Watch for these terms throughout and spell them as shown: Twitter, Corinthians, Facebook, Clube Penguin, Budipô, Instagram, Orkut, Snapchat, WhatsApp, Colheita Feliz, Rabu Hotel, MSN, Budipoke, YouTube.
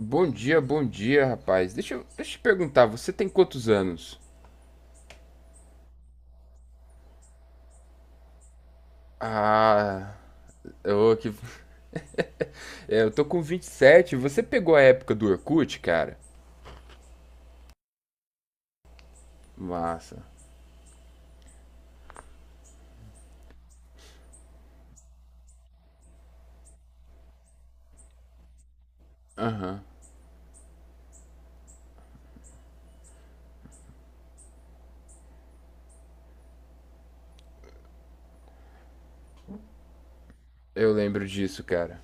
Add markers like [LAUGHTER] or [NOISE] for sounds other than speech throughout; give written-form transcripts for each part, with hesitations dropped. Bom dia, rapaz. Deixa eu te perguntar, você tem quantos anos? Ah, eu, que, eu tô com 27. Você pegou a época do Orkut, cara? Massa. Aham. Eu lembro disso, cara.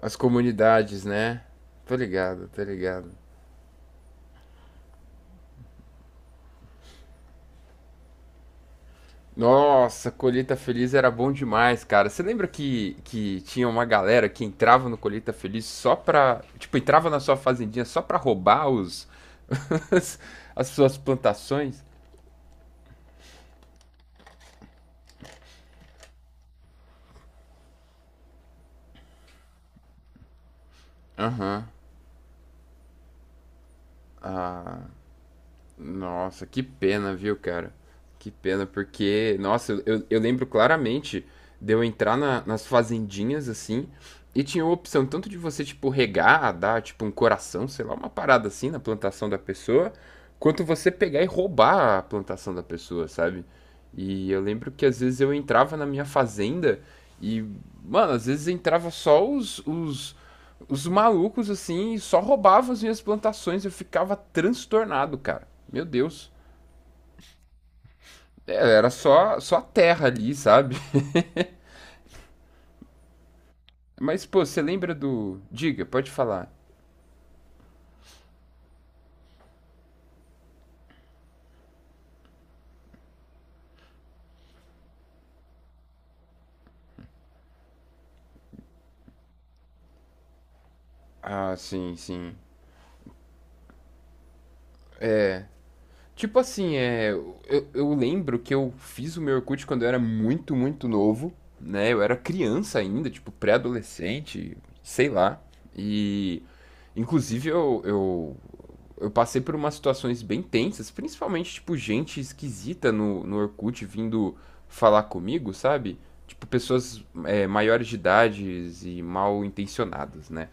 As comunidades, né? Tô ligado, tô ligado. Nossa, Colheita Feliz era bom demais, cara. Você lembra que, tinha uma galera que entrava no Colheita Feliz só pra. Tipo, entrava na sua fazendinha só pra roubar [LAUGHS] as as suas plantações? Aham. Ah, nossa, que pena, viu, cara? Que pena, porque, nossa, eu lembro claramente de eu entrar nas fazendinhas assim, e tinha a opção tanto de você, tipo, regar, dar, tipo, um coração, sei lá, uma parada assim na plantação da pessoa, quanto você pegar e roubar a plantação da pessoa, sabe? E eu lembro que às vezes eu entrava na minha fazenda e, mano, às vezes entrava só os Os malucos, assim, só roubavam as minhas plantações. Eu ficava transtornado, cara. Meu Deus. É, era só, só a terra ali, sabe? [LAUGHS] Mas, pô, você lembra do. Diga, pode falar. Ah, sim, sim. Tipo assim, é. Eu lembro que eu fiz o meu Orkut quando eu era muito, muito novo, né? Eu era criança ainda, tipo, pré-adolescente, sei lá. E. Inclusive, eu passei por umas situações bem tensas, principalmente, tipo, gente esquisita no Orkut vindo falar comigo, sabe? Tipo, pessoas é, maiores de idades e mal intencionadas, né?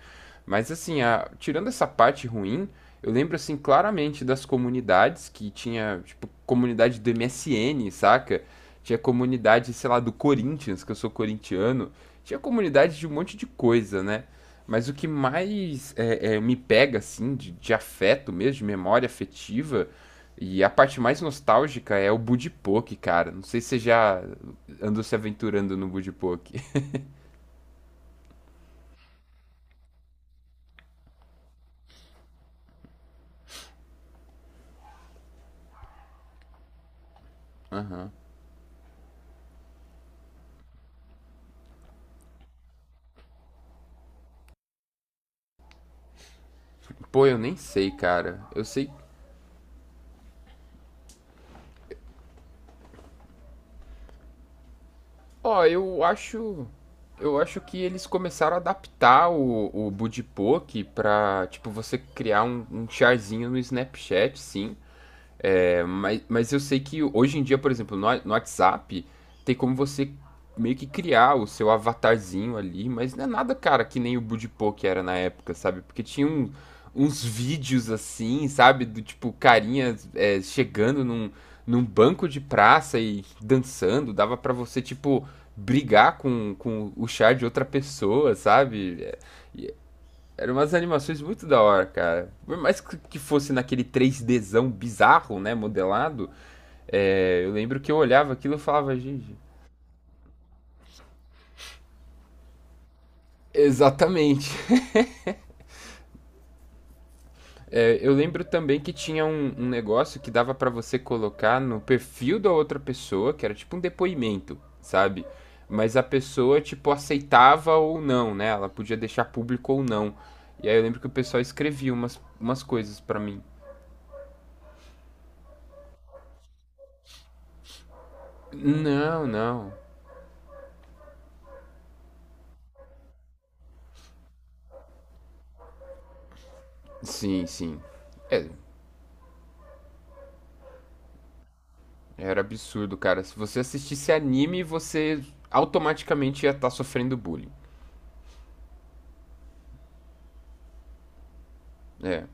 Mas assim, tirando essa parte ruim, eu lembro assim claramente das comunidades que tinha, tipo, comunidade do MSN, saca? Tinha comunidade, sei lá, do Corinthians, que eu sou corintiano. Tinha comunidade de um monte de coisa, né? Mas o que mais me pega, assim, de afeto mesmo, de memória afetiva, e a parte mais nostálgica é o Budipoke, cara. Não sei se você já andou se aventurando no Budipoke. [LAUGHS] Aham. Pô, eu nem sei, cara. Eu sei. Ó, eu acho. Eu acho que eles começaram a adaptar o Budipoke pra, tipo, você criar um charzinho no Snapchat, sim. É, mas eu sei que hoje em dia, por exemplo, no WhatsApp, tem como você meio que criar o seu avatarzinho ali, mas não é nada, cara, que nem o Budipô que era na época, sabe? Porque tinha uns vídeos assim, sabe? Do tipo, carinha é, chegando num banco de praça e dançando, dava pra você, tipo, brigar com o char de outra pessoa, sabe? É, eram umas animações muito da hora, cara. Por mais que fosse naquele 3Dzão bizarro, né, modelado, é, eu lembro que eu olhava aquilo e falava, gente. Exatamente. É, eu lembro também que tinha um negócio que dava pra você colocar no perfil da outra pessoa, que era tipo um depoimento, sabe? Mas a pessoa, tipo, aceitava ou não, né? Ela podia deixar público ou não. E aí eu lembro que o pessoal escrevia umas coisas pra mim. Não, não. Sim, sim. É, Era absurdo, cara. Se você assistisse anime, você automaticamente ia estar sofrendo bullying. É,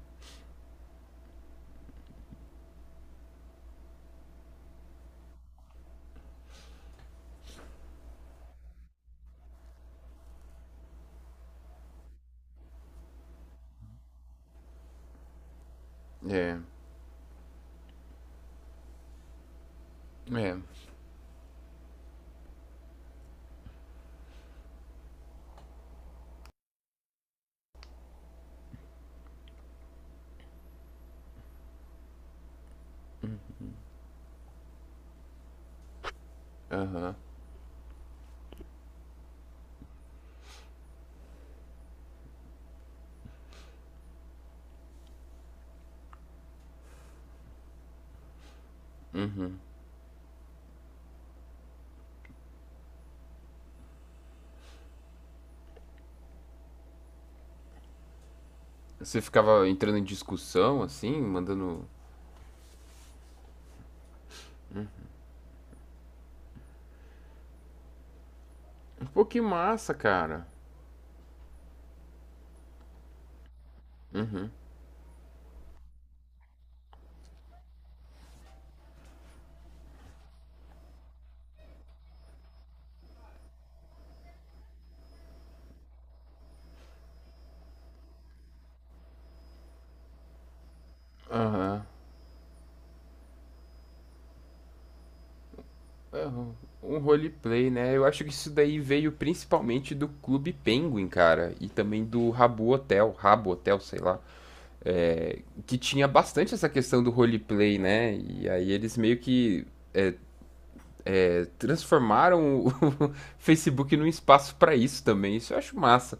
é, é. Você ficava entrando em discussão, assim, mandando. Pô, que massa, cara. Uhum. Aham. Aham. Um roleplay, né? Eu acho que isso daí veio principalmente do Clube Penguin, cara. E também do Rabu Hotel, Rabo Hotel, sei lá. É, que tinha bastante essa questão do roleplay, né? E aí eles meio que é, transformaram o [LAUGHS] Facebook num espaço para isso também. Isso eu acho massa.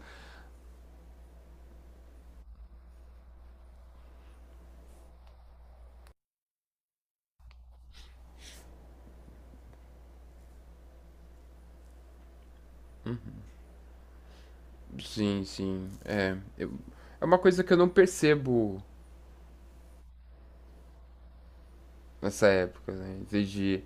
Sim, sim. É, eu- é uma coisa que eu não percebo nessa época, né? Em vez de.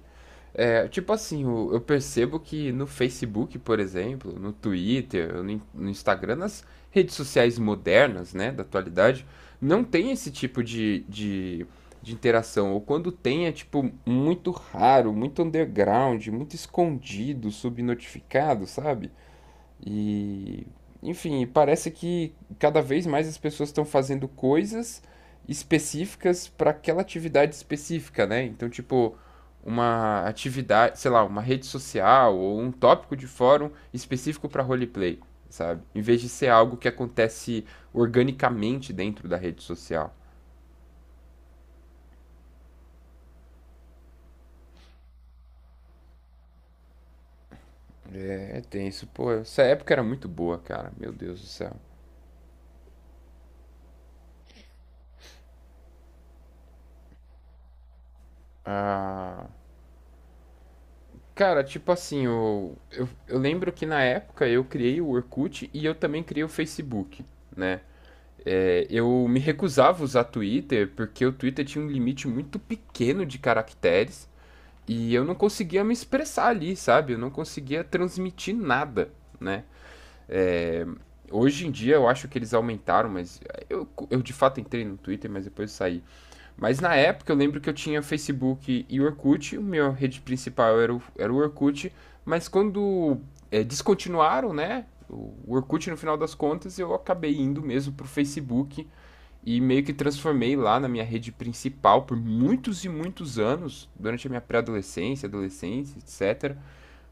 É, tipo assim, eu percebo que no Facebook, por exemplo, no Twitter, no Instagram, nas redes sociais modernas, né, da atualidade, não tem esse tipo de interação. Ou quando tem, é tipo muito raro, muito underground, muito escondido, subnotificado, sabe? E, enfim, parece que cada vez mais as pessoas estão fazendo coisas específicas para aquela atividade específica, né? Então, tipo, uma atividade, sei lá, uma rede social ou um tópico de fórum específico para roleplay, sabe? Em vez de ser algo que acontece organicamente dentro da rede social. É tem isso pô. Essa época era muito boa, cara. Meu Deus do céu. Ah, Cara, tipo assim, eu lembro que na época eu criei o Orkut e eu também criei o Facebook, né? É, eu me recusava a usar Twitter porque o Twitter tinha um limite muito pequeno de caracteres e eu não conseguia me expressar ali, sabe? Eu não conseguia transmitir nada, né? Hoje em dia eu acho que eles aumentaram, mas eu de fato entrei no Twitter, mas depois saí. Mas na época eu lembro que eu tinha Facebook e Orkut, o meu rede principal era era o Orkut, mas quando é, descontinuaram, né? O Orkut no final das contas, eu acabei indo mesmo pro Facebook e meio que transformei lá na minha rede principal por muitos e muitos anos, durante a minha pré-adolescência, adolescência, etc.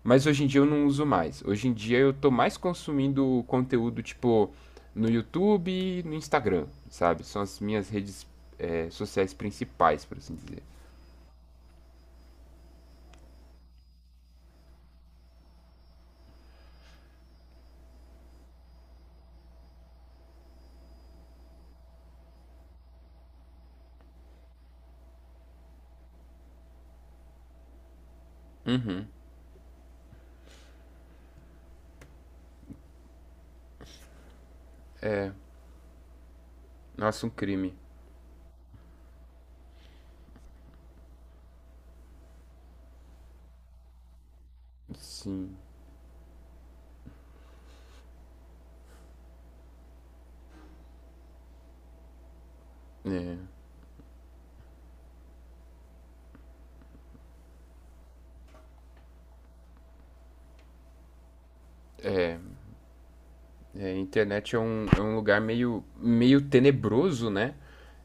Mas hoje em dia eu não uso mais. Hoje em dia eu tô mais consumindo conteúdo tipo no YouTube e no Instagram, sabe? São as minhas redes sociais principais, por assim dizer. Nossa, um crime. Sim. É, é, a internet é um lugar meio, meio tenebroso, né?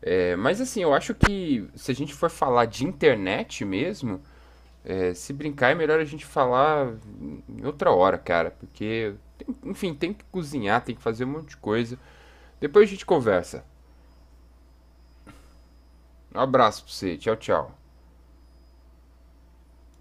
É, mas assim, eu acho que se a gente for falar de internet mesmo, é, se brincar, é melhor a gente falar em outra hora, cara, porque, enfim, tem que cozinhar, tem que fazer um monte de coisa. Depois a gente conversa. Um abraço pra você, tchau, tchau.